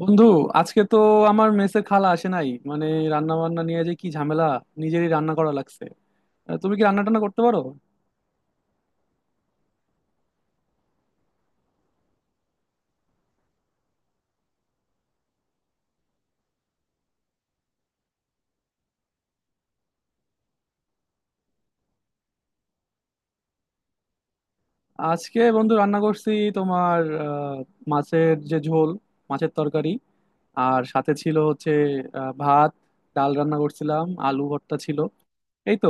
বন্ধু, আজকে তো আমার মেসে খালা আসে নাই, মানে রান্না বান্না নিয়ে যে কি ঝামেলা! নিজেরই রান্না করা লাগছে। তুমি কি রান্না টান্না করতে পারো? আজকে বন্ধু রান্না করছি তোমার, মাছের যে ঝোল, মাছের তরকারি। আর সাথে ছিল হচ্ছে ভাত, ডাল রান্না করছিলাম, আলু ভর্তা ছিল। এই তো,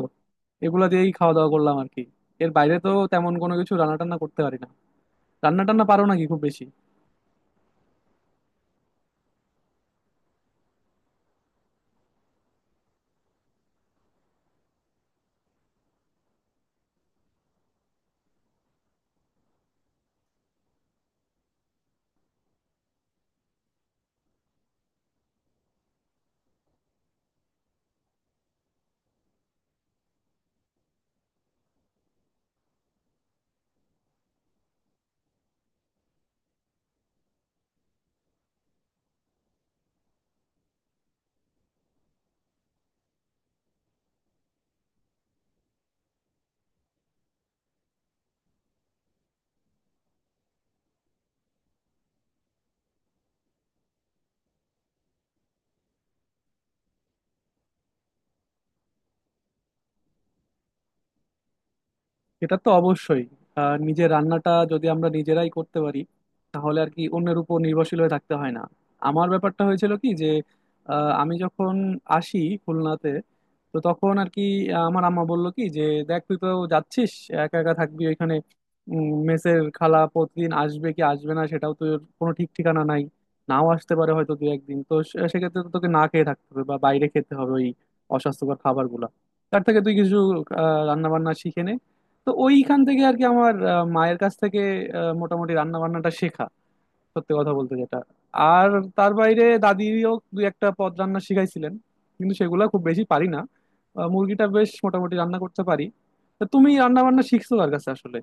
এগুলা দিয়েই খাওয়া দাওয়া করলাম আর কি। এর বাইরে তো তেমন কোনো কিছু রান্না টান্না করতে পারি না। রান্না টান্না পারো নাকি খুব বেশি? এটা তো অবশ্যই। নিজের রান্নাটা যদি আমরা নিজেরাই করতে পারি, তাহলে আর কি অন্যের উপর নির্ভরশীল হয়ে থাকতে হয় না। আমার ব্যাপারটা হয়েছিল কি, যে আমি যখন আসি খুলনাতে, তো তখন আর কি আমার আম্মা বললো কি, যে দেখ, তুই তো যাচ্ছিস, একা একা থাকবি ওইখানে, মেসের খালা প্রতিদিন আসবে কি আসবে না সেটাও তোর কোনো ঠিক ঠিকানা নাই। নাও আসতে পারে হয়তো দু একদিন, তো সেক্ষেত্রে তো তোকে না খেয়ে থাকতে হবে বা বাইরে খেতে হবে ওই অস্বাস্থ্যকর খাবারগুলো। তার থেকে তুই কিছু রান্না বান্না শিখে নে। তো ওইখান থেকে আর কি আমার মায়ের কাছ থেকে মোটামুটি রান্না বান্নাটা শেখা, সত্যি কথা বলতে, যেটা। আর তার বাইরে দাদিও দুই একটা পদ রান্না শিখাইছিলেন, কিন্তু সেগুলো খুব বেশি পারি না। মুরগিটা বেশ মোটামুটি রান্না করতে পারি। তা তুমি রান্না বান্না শিখছো কার কাছে আসলে?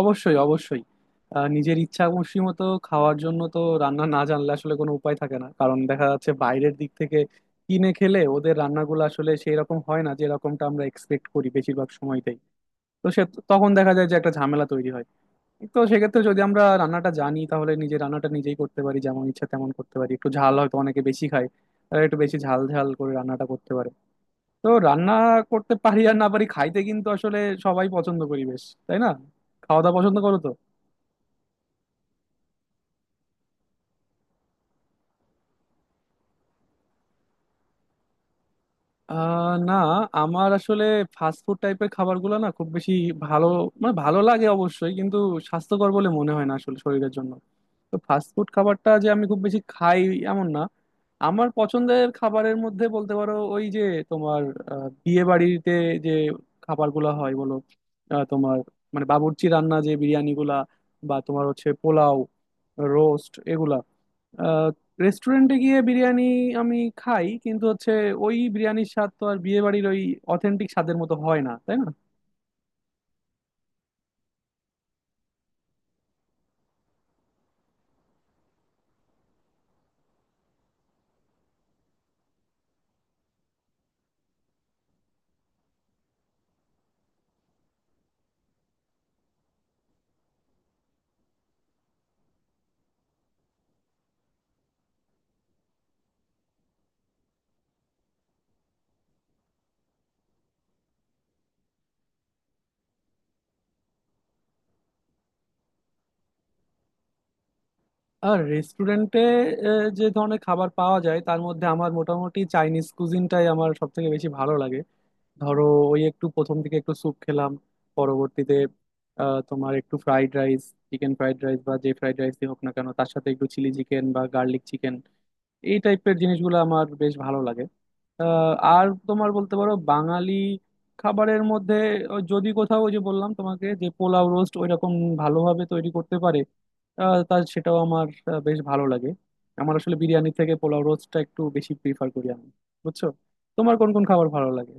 অবশ্যই, অবশ্যই। নিজের ইচ্ছা খুশি মতো খাওয়ার জন্য তো রান্না না জানলে আসলে কোনো উপায় থাকে না। কারণ দেখা যাচ্ছে বাইরের দিক থেকে কিনে খেলে ওদের রান্নাগুলো আসলে সেই রকম হয় না যেরকমটা আমরা এক্সপেক্ট করি বেশিরভাগ সময়তে। তো সে, তখন দেখা যায় যে একটা ঝামেলা তৈরি হয়। তো সেক্ষেত্রে যদি আমরা রান্নাটা জানি, তাহলে নিজে রান্নাটা নিজেই করতে পারি, যেমন ইচ্ছা তেমন করতে পারি। একটু ঝাল হয়তো অনেকে বেশি খায়, তারা একটু বেশি ঝাল ঝাল করে রান্নাটা করতে পারে। তো রান্না করতে পারি আর না পারি, খাইতে কিন্তু আসলে সবাই পছন্দ করি বেশ, তাই না? খাওয়া দাওয়া পছন্দ করো তো? না, আমার আসলে ফাস্ট ফুড টাইপের খাবারগুলো না খুব বেশি ভালো, মানে ভালো লাগে অবশ্যই, কিন্তু স্বাস্থ্যকর বলে মনে হয় না আসলে শরীরের জন্য। তো ফাস্ট ফুড খাবারটা যে আমি খুব বেশি খাই এমন না। আমার পছন্দের খাবারের মধ্যে বলতে পারো ওই যে তোমার বিয়ে বাড়িতে যে খাবারগুলো হয় বলো, তোমার মানে বাবুর্চি রান্না যে বিরিয়ানিগুলা, বা তোমার হচ্ছে পোলাও, রোস্ট এগুলা। আহ, রেস্টুরেন্টে গিয়ে বিরিয়ানি আমি খাই, কিন্তু হচ্ছে ওই বিরিয়ানির স্বাদ তো আর বিয়ে বাড়ির ওই অথেন্টিক স্বাদের মতো হয় না, তাই না? আর রেস্টুরেন্টে যে ধরনের খাবার পাওয়া যায় তার মধ্যে আমার মোটামুটি চাইনিজ কুজিনটাই আমার সব থেকে বেশি ভালো লাগে। ধরো ওই একটু প্রথম দিকে একটু স্যুপ খেলাম, পরবর্তীতে তোমার একটু fried rice, chicken fried rice বা যে ফ্রাইড রাইস হোক না কেন, তার সাথে একটু চিলি চিকেন বা গার্লিক চিকেন। এই টাইপের জিনিসগুলো আমার বেশ ভালো লাগে। আর তোমার বলতে পারো বাঙালি খাবারের মধ্যে যদি কোথাও ওই যে বললাম তোমাকে যে পোলাও রোস্ট ওইরকম ভালোভাবে তৈরি করতে পারে, তার সেটাও আমার বেশ ভালো লাগে। আমার আসলে বিরিয়ানি থেকে পোলাও রোস্টটা একটু বেশি প্রিফার করি আমি, বুঝছো? তোমার কোন কোন খাবার ভালো লাগে?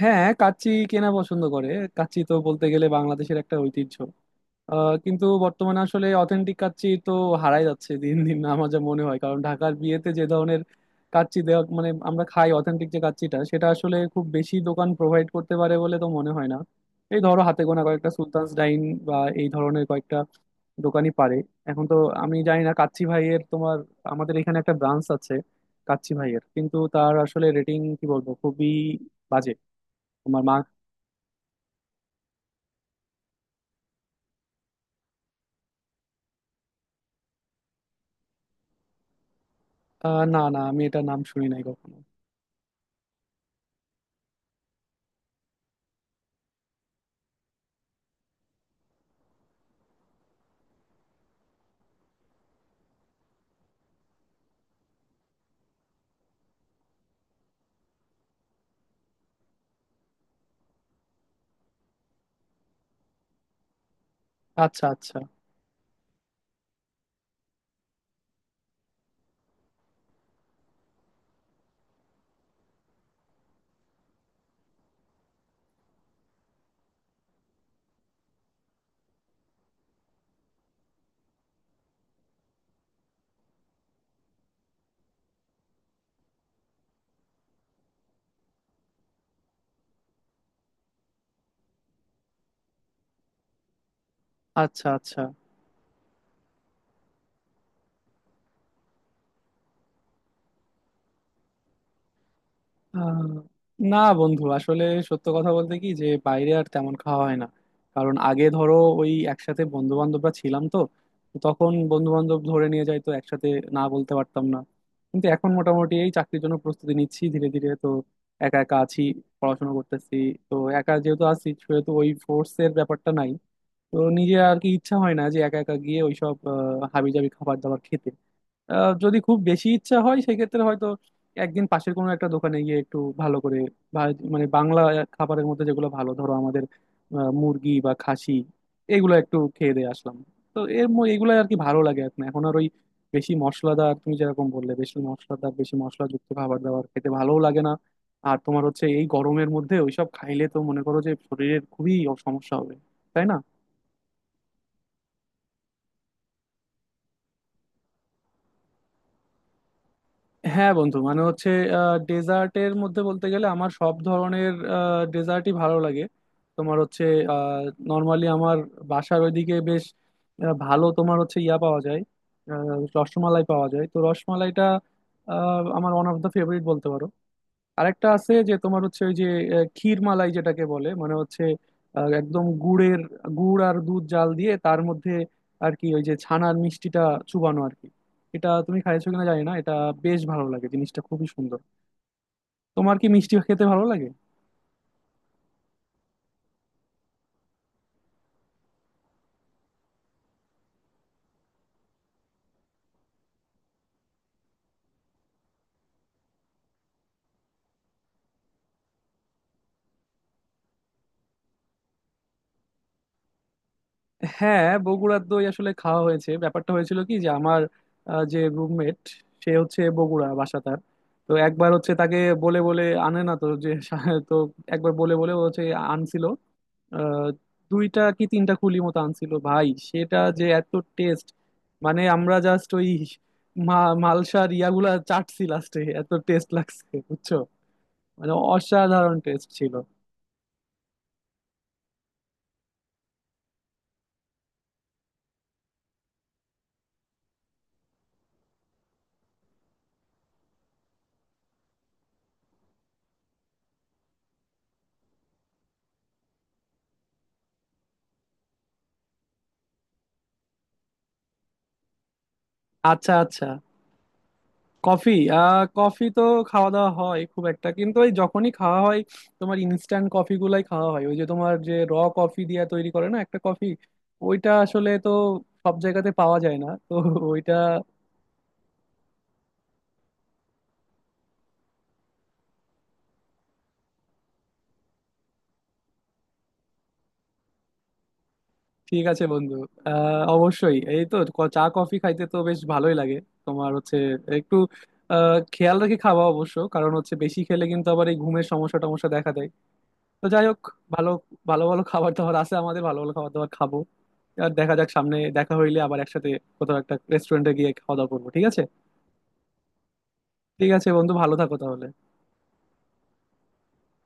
হ্যাঁ, কাচ্চি কেনা পছন্দ করে? কাচ্চি তো বলতে গেলে বাংলাদেশের একটা ঐতিহ্য। কিন্তু বর্তমানে আসলে অথেন্টিক কাচ্চি তো হারাই যাচ্ছে দিন দিন আমার যা মনে হয়। কারণ ঢাকার বিয়েতে যে ধরনের কাচ্চি দেওয়া মানে আমরা খাই, অথেন্টিক যে কাচ্চিটা, সেটা আসলে খুব বেশি দোকান প্রোভাইড করতে পারে বলে তো মনে হয় না। এই ধরো হাতে গোনা কয়েকটা সুলতানস ডাইন বা এই ধরনের কয়েকটা দোকানই পারে। এখন তো আমি জানি না, কাচ্চি ভাইয়ের তোমার আমাদের এখানে একটা ব্রাঞ্চ আছে কাচ্চি ভাইয়ের, কিন্তু তার আসলে রেটিং কি বলবো, খুবই বাজে। তোমার মা। না, না, আমি এটা নাম শুনি নাই কখনো। আচ্ছা, আচ্ছা। আচ্ছা, আচ্ছা। আহ, না বন্ধু আসলে, সত্য কথা বলতে কি, যে বাইরে আর তেমন খাওয়া হয় না। কারণ আগে ধরো ওই একসাথে বন্ধু বান্ধবরা ছিলাম তো তো তখন বন্ধু বান্ধব ধরে নিয়ে যাইতো একসাথে, না বলতে পারতাম না। কিন্তু এখন মোটামুটি এই চাকরির জন্য প্রস্তুতি নিচ্ছি ধীরে ধীরে তো, একা একা আছি, পড়াশোনা করতেছি। তো একা যেহেতু আছি, সেহেতু ওই ফোর্স এর ব্যাপারটা নাই। তো নিজে আর কি ইচ্ছা হয় না যে একা একা গিয়ে ওইসব হাবিজাবি খাবার দাবার খেতে। যদি খুব বেশি ইচ্ছা হয় সেক্ষেত্রে হয়তো একদিন পাশের কোনো একটা দোকানে গিয়ে একটু ভালো করে মানে বাংলা খাবারের মধ্যে যেগুলো ভালো, ধরো আমাদের মুরগি বা খাসি, এগুলো একটু খেয়ে দিয়ে আসলাম। তো এগুলো আর কি ভালো লাগে, এখন এখন আর ওই বেশি মশলাদার, তুমি যেরকম বললে, বেশি মশলাদার বেশি মশলাযুক্ত খাবার দাবার খেতে ভালোও লাগে না। আর তোমার হচ্ছে এই গরমের মধ্যে ওইসব খাইলে তো মনে করো যে শরীরের খুবই সমস্যা হবে, তাই না? হ্যাঁ বন্ধু, মানে হচ্ছে ডেজার্টের মধ্যে বলতে গেলে আমার সব ধরনের ডেজার্টই ভালো লাগে। তোমার হচ্ছে, নর্মালি আমার বাসার ওইদিকে বেশ ভালো তোমার হচ্ছে ইয়া পাওয়া যায়, আহ, রসমালাই পাওয়া যায়, তো রসমালাইটা আমার ওয়ান অফ দ্য ফেভারিট বলতে পারো। আরেকটা আছে, যে তোমার হচ্ছে ওই যে ক্ষীর মালাই যেটাকে বলে, মানে হচ্ছে একদম গুড়ের, গুড় আর দুধ জাল দিয়ে তার মধ্যে আর কি ওই যে ছানার মিষ্টিটা চুবানো আর কি। এটা তুমি খাইছো কিনা জানি না, এটা বেশ ভালো লাগে জিনিসটা, খুবই সুন্দর। তোমার কি মিষ্টি খেতে ভালো লাগে? হ্যাঁ, বগুড়ার দই আসলে খাওয়া হয়েছে। ব্যাপারটা হয়েছিল কি, যে আমার যে রুমমেট, সে হচ্ছে বগুড়া বাসা তার। তো একবার হচ্ছে তাকে বলে বলে আনে না তো, যে তো একবার বলে বলে ও হচ্ছে আনছিল, আহ, দুইটা কি তিনটা কুলি মতো আনছিল ভাই, সেটা যে এত টেস্ট। মানে আমরা জাস্ট ওই মালসার ইয়াগুলা চাটছি লাস্টে, এত টেস্ট লাগছে, বুঝছো? মানে অসাধারণ টেস্ট ছিল। আচ্ছা, আচ্ছা। কফি কফি তো খাওয়া দাওয়া হয় খুব একটা কিন্তু, ওই যখনই খাওয়া হয়, তোমার ইনস্ট্যান্ট কফি গুলাই খাওয়া হয়। ওই যে তোমার যে র কফি দিয়ে তৈরি করে না একটা কফি, ওইটা আসলে তো সব জায়গাতে পাওয়া যায় না তো ওইটা। ঠিক আছে বন্ধু। আহ অবশ্যই, এই তো চা কফি খাইতে তো বেশ ভালোই লাগে। তোমার হচ্ছে একটু খেয়াল রেখে খাওয়া অবশ্য, কারণ হচ্ছে বেশি খেলে কিন্তু আবার এই ঘুমের সমস্যা টমস্যা দেখা দেয়। তো যাই হোক, ভালো ভালো ভালো খাবার দাবার আছে আমাদের, ভালো ভালো খাবার দাবার খাবো। আর দেখা যাক সামনে দেখা হইলে আবার একসাথে কোথাও একটা রেস্টুরেন্টে গিয়ে খাওয়া দাওয়া করবো, ঠিক আছে? ঠিক আছে বন্ধু, ভালো থাকো তাহলে।